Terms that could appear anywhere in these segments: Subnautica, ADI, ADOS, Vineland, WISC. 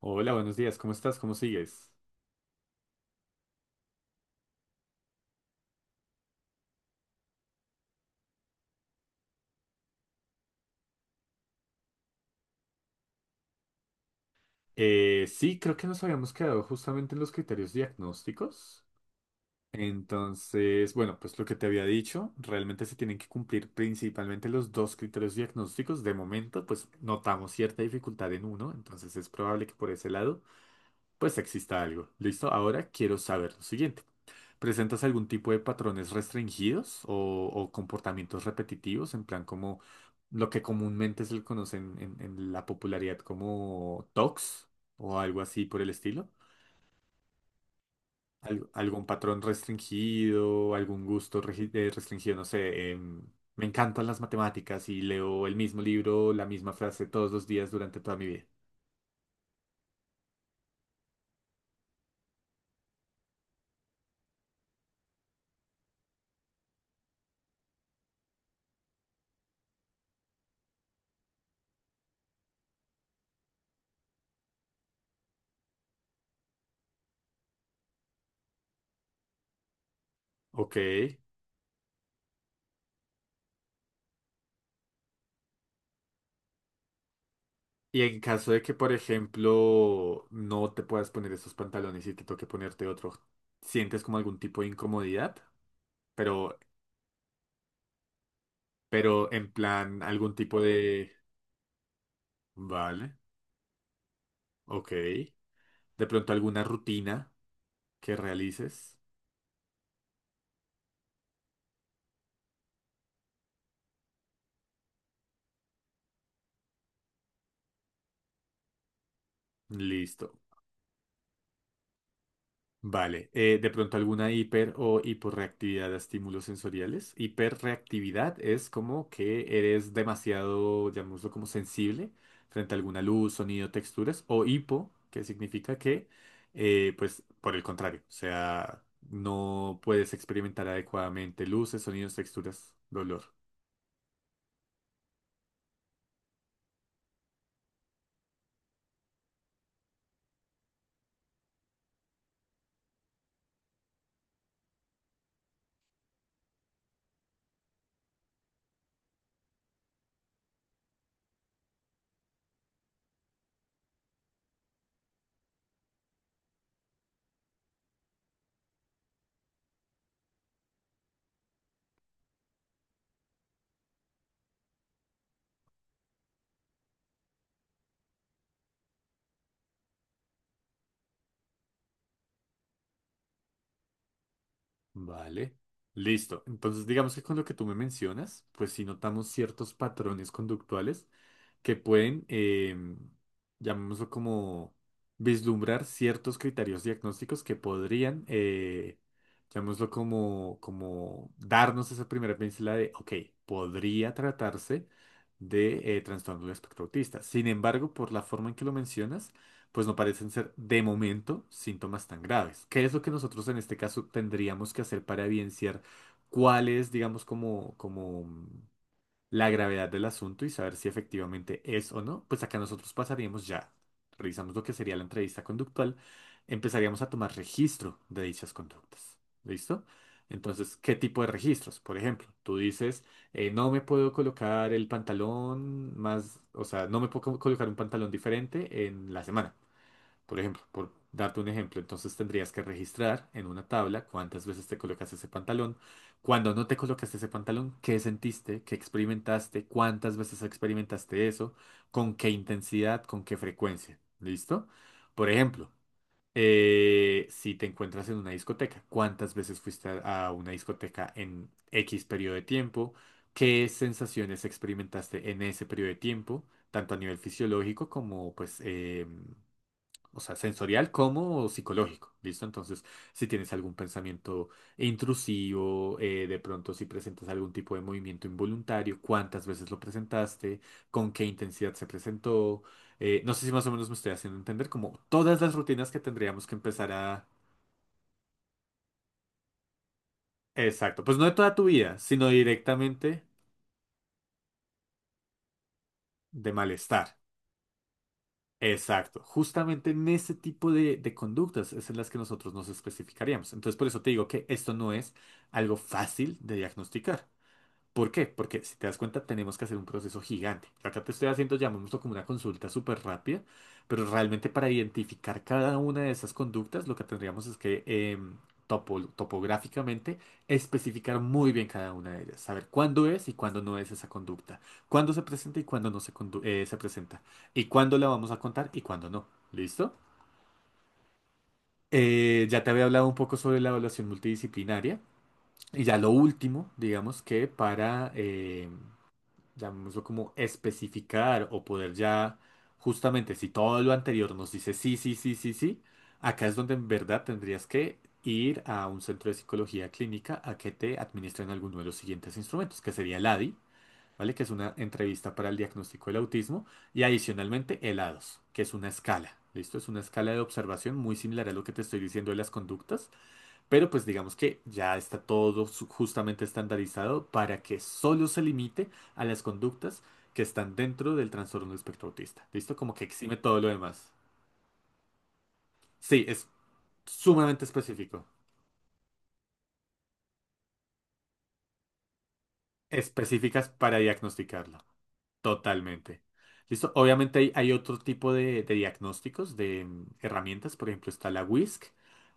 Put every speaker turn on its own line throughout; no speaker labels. Hola, buenos días, ¿cómo estás? ¿Cómo sigues? Sí, creo que nos habíamos quedado justamente en los criterios diagnósticos. Entonces, bueno, pues lo que te había dicho, realmente se tienen que cumplir principalmente los dos criterios diagnósticos. De momento, pues notamos cierta dificultad en uno, entonces es probable que por ese lado pues exista algo. ¿Listo? Ahora quiero saber lo siguiente. ¿Presentas algún tipo de patrones restringidos o comportamientos repetitivos? En plan, como lo que comúnmente se le conoce en la popularidad como TOCs o algo así por el estilo. ¿Algún patrón restringido, algún gusto restringido? No sé, me encantan las matemáticas y leo el mismo libro, la misma frase todos los días durante toda mi vida. Ok. Y en caso de que, por ejemplo, no te puedas poner esos pantalones y te toque ponerte otro, ¿sientes como algún tipo de incomodidad? Pero, pero en plan, algún tipo de. Vale, ok. De pronto alguna rutina que realices. Listo. Vale, de pronto alguna hiper o hiporreactividad a estímulos sensoriales. Hiperreactividad es como que eres demasiado, llamémoslo como sensible frente a alguna luz, sonido, texturas, o hipo, que significa que, pues, por el contrario, o sea, no puedes experimentar adecuadamente luces, sonidos, texturas, dolor. Vale, listo. Entonces, digamos que con lo que tú me mencionas, pues sí notamos ciertos patrones conductuales que pueden, llamémoslo como, vislumbrar ciertos criterios diagnósticos que podrían, llamémoslo como, darnos esa primera pincelada de, ok, podría tratarse de trastorno del espectro autista. Sin embargo, por la forma en que lo mencionas, pues no parecen ser de momento síntomas tan graves. ¿Qué es lo que nosotros en este caso tendríamos que hacer para evidenciar cuál es, digamos, como la gravedad del asunto y saber si efectivamente es o no, pues acá nosotros pasaríamos ya, revisamos lo que sería la entrevista conductual, empezaríamos a tomar registro de dichas conductas. ¿Listo? Entonces, ¿qué tipo de registros? Por ejemplo, tú dices, no me puedo colocar el pantalón más, o sea, no me puedo colocar un pantalón diferente en la semana. Por ejemplo, por darte un ejemplo, entonces tendrías que registrar en una tabla cuántas veces te colocaste ese pantalón, cuando no te colocaste ese pantalón, qué sentiste, qué experimentaste, cuántas veces experimentaste eso, con qué intensidad, con qué frecuencia. ¿Listo? Por ejemplo, si te encuentras en una discoteca, cuántas veces fuiste a una discoteca en X periodo de tiempo, qué sensaciones experimentaste en ese periodo de tiempo, tanto a nivel fisiológico como pues, o sea, sensorial como psicológico, ¿listo? Entonces, si tienes algún pensamiento intrusivo, de pronto si presentas algún tipo de movimiento involuntario, cuántas veces lo presentaste, con qué intensidad se presentó, no sé si más o menos me estoy haciendo entender, como todas las rutinas que tendríamos que empezar a. Exacto, pues no de toda tu vida, sino directamente de malestar. Exacto, justamente en ese tipo de conductas es en las que nosotros nos especificaríamos. Entonces, por eso te digo que esto no es algo fácil de diagnosticar. ¿Por qué? Porque si te das cuenta, tenemos que hacer un proceso gigante. Acá te estoy haciendo, llamémoslo como una consulta súper rápida, pero realmente para identificar cada una de esas conductas, lo que tendríamos es que topográficamente especificar muy bien cada una de ellas, saber cuándo es y cuándo no es esa conducta, cuándo se presenta y cuándo no se, se presenta, y cuándo la vamos a contar y cuándo no. ¿Listo? Ya te había hablado un poco sobre la evaluación multidisciplinaria. Y ya lo último, digamos que para llamémoslo como especificar o poder ya, justamente si todo lo anterior nos dice sí, sí, sí, sí, sí, acá es donde en verdad tendrías que ir a un centro de psicología clínica a que te administren alguno de los siguientes instrumentos, que sería el ADI, ¿vale? Que es una entrevista para el diagnóstico del autismo, y adicionalmente el ADOS, que es una escala, ¿listo? Es una escala de observación muy similar a lo que te estoy diciendo de las conductas, pero pues digamos que ya está todo justamente estandarizado para que solo se limite a las conductas que están dentro del trastorno del espectro autista. ¿Listo? Como que exime todo lo demás. Sí, es sumamente específico. Específicas para diagnosticarlo. Totalmente. Listo. Obviamente hay otro tipo de diagnósticos, de herramientas. Por ejemplo, está la WISC.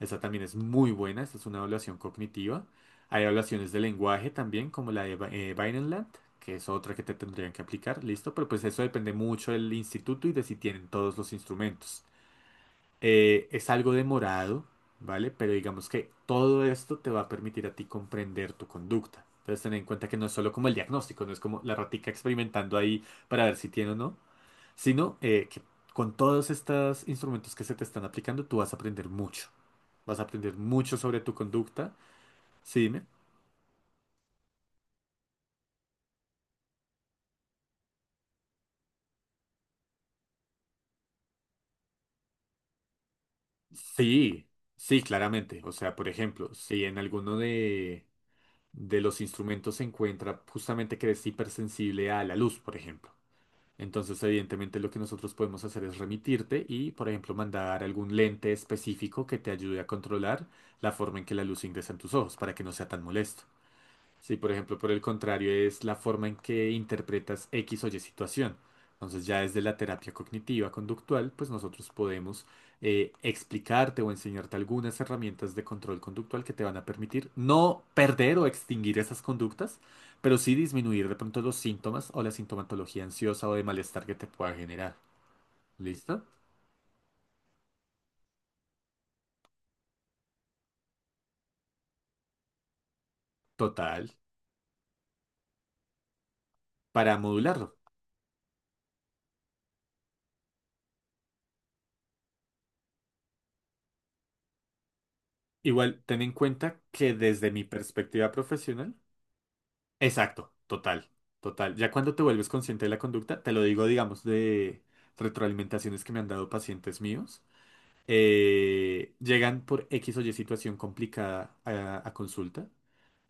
Esa también es muy buena. Esta es una evaluación cognitiva. Hay evaluaciones de lenguaje también, como la de Vineland, que es otra que te tendrían que aplicar. Listo. Pero pues eso depende mucho del instituto y de si tienen todos los instrumentos. Es algo demorado, ¿vale? Pero digamos que todo esto te va a permitir a ti comprender tu conducta. Entonces, ten en cuenta que no es solo como el diagnóstico, no es como la ratica experimentando ahí para ver si tiene o no, sino que con todos estos instrumentos que se te están aplicando, tú vas a aprender mucho. Vas a aprender mucho sobre tu conducta. Sí, dime. Sí, sí, claramente. O sea, por ejemplo, si en alguno de los instrumentos se encuentra justamente que eres hipersensible a la luz, por ejemplo. Entonces, evidentemente, lo que nosotros podemos hacer es remitirte y, por ejemplo, mandar algún lente específico que te ayude a controlar la forma en que la luz ingresa en tus ojos para que no sea tan molesto. Si, por ejemplo, por el contrario, es la forma en que interpretas X o Y situación. Entonces, ya desde la terapia cognitiva conductual, pues nosotros podemos explicarte o enseñarte algunas herramientas de control conductual que te van a permitir no perder o extinguir esas conductas, pero sí disminuir de pronto los síntomas o la sintomatología ansiosa o de malestar que te pueda generar. ¿Listo? Total, para modularlo. Igual, ten en cuenta que desde mi perspectiva profesional. Exacto, total, total. Ya cuando te vuelves consciente de la conducta, te lo digo, digamos, de retroalimentaciones que me han dado pacientes míos, llegan por X o Y situación complicada a consulta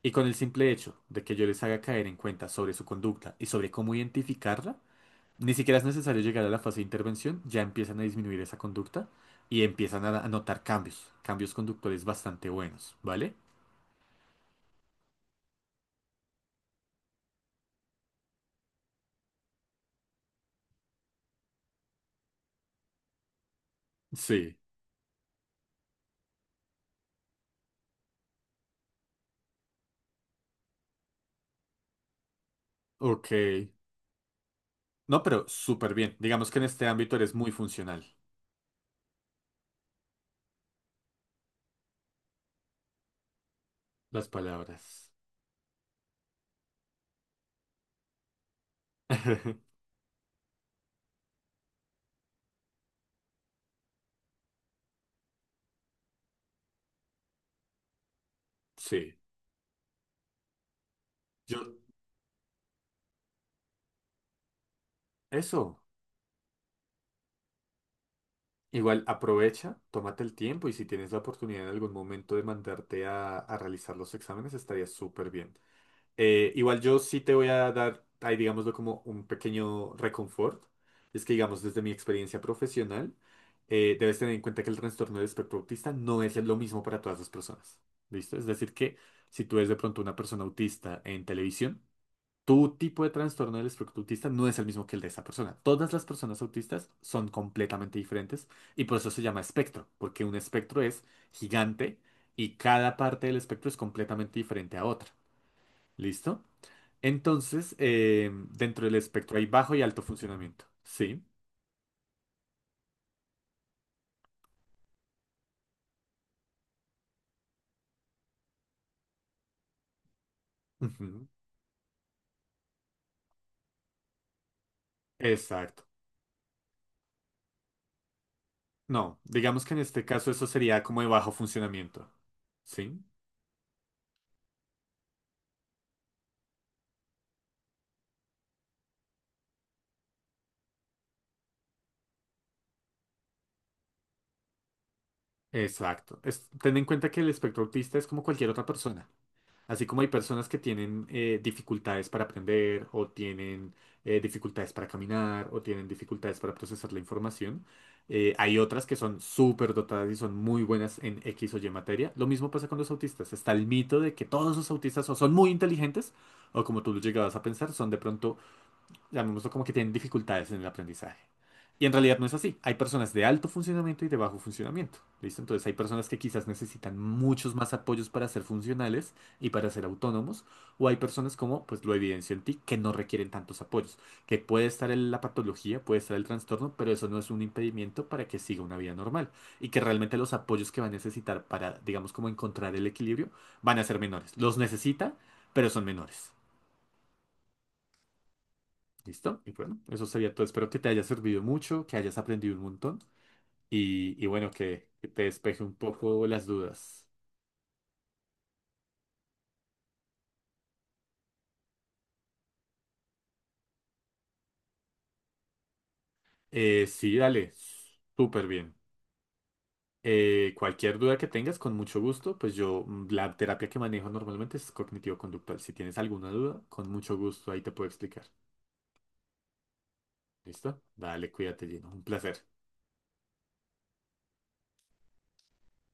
y con el simple hecho de que yo les haga caer en cuenta sobre su conducta y sobre cómo identificarla, ni siquiera es necesario llegar a la fase de intervención, ya empiezan a disminuir esa conducta y empiezan a notar cambios, cambios conductuales bastante buenos, ¿vale? Sí, ok. No, pero súper bien. Digamos que en este ámbito eres muy funcional. Las palabras. Sí. Yo, eso. Igual aprovecha, tómate el tiempo y si tienes la oportunidad en algún momento de mandarte a realizar los exámenes, estaría súper bien. Igual yo sí te voy a dar, ahí digámoslo como un pequeño reconfort. Es que digamos desde mi experiencia profesional, debes tener en cuenta que el trastorno del espectro autista no es lo mismo para todas las personas. ¿Listo? Es decir que si tú eres de pronto una persona autista en televisión, tu tipo de trastorno del espectro autista no es el mismo que el de esa persona. Todas las personas autistas son completamente diferentes y por eso se llama espectro, porque un espectro es gigante y cada parte del espectro es completamente diferente a otra. ¿Listo? Entonces, dentro del espectro hay bajo y alto funcionamiento. Sí. Ujú. Exacto. No, digamos que en este caso eso sería como de bajo funcionamiento. Sí. Exacto. Ten en cuenta que el espectro autista es como cualquier otra persona. Así como hay personas que tienen dificultades para aprender o tienen dificultades para caminar o tienen dificultades para procesar la información, hay otras que son súper dotadas y son muy buenas en X o Y materia. Lo mismo pasa con los autistas. Está el mito de que todos los autistas o son muy inteligentes o como tú lo llegabas a pensar, son de pronto llamémoslo como que tienen dificultades en el aprendizaje. Y en realidad no es así. Hay personas de alto funcionamiento y de bajo funcionamiento. ¿Listo? Entonces hay personas que quizás necesitan muchos más apoyos para ser funcionales y para ser autónomos. O hay personas como, pues lo evidencio en ti, que no requieren tantos apoyos. Que puede estar en la patología, puede estar el trastorno, pero eso no es un impedimento para que siga una vida normal. Y que realmente los apoyos que va a necesitar para, digamos, como encontrar el equilibrio, van a ser menores. Los necesita, pero son menores. ¿Listo? Y bueno, eso sería todo. Espero que te haya servido mucho, que hayas aprendido un montón y bueno, que te despeje un poco las dudas. Sí, dale, súper bien. Cualquier duda que tengas, con mucho gusto, pues yo, la terapia que manejo normalmente es cognitivo-conductual. Si tienes alguna duda, con mucho gusto ahí te puedo explicar. ¿Listo? Dale, cuídate, Gino. Un placer.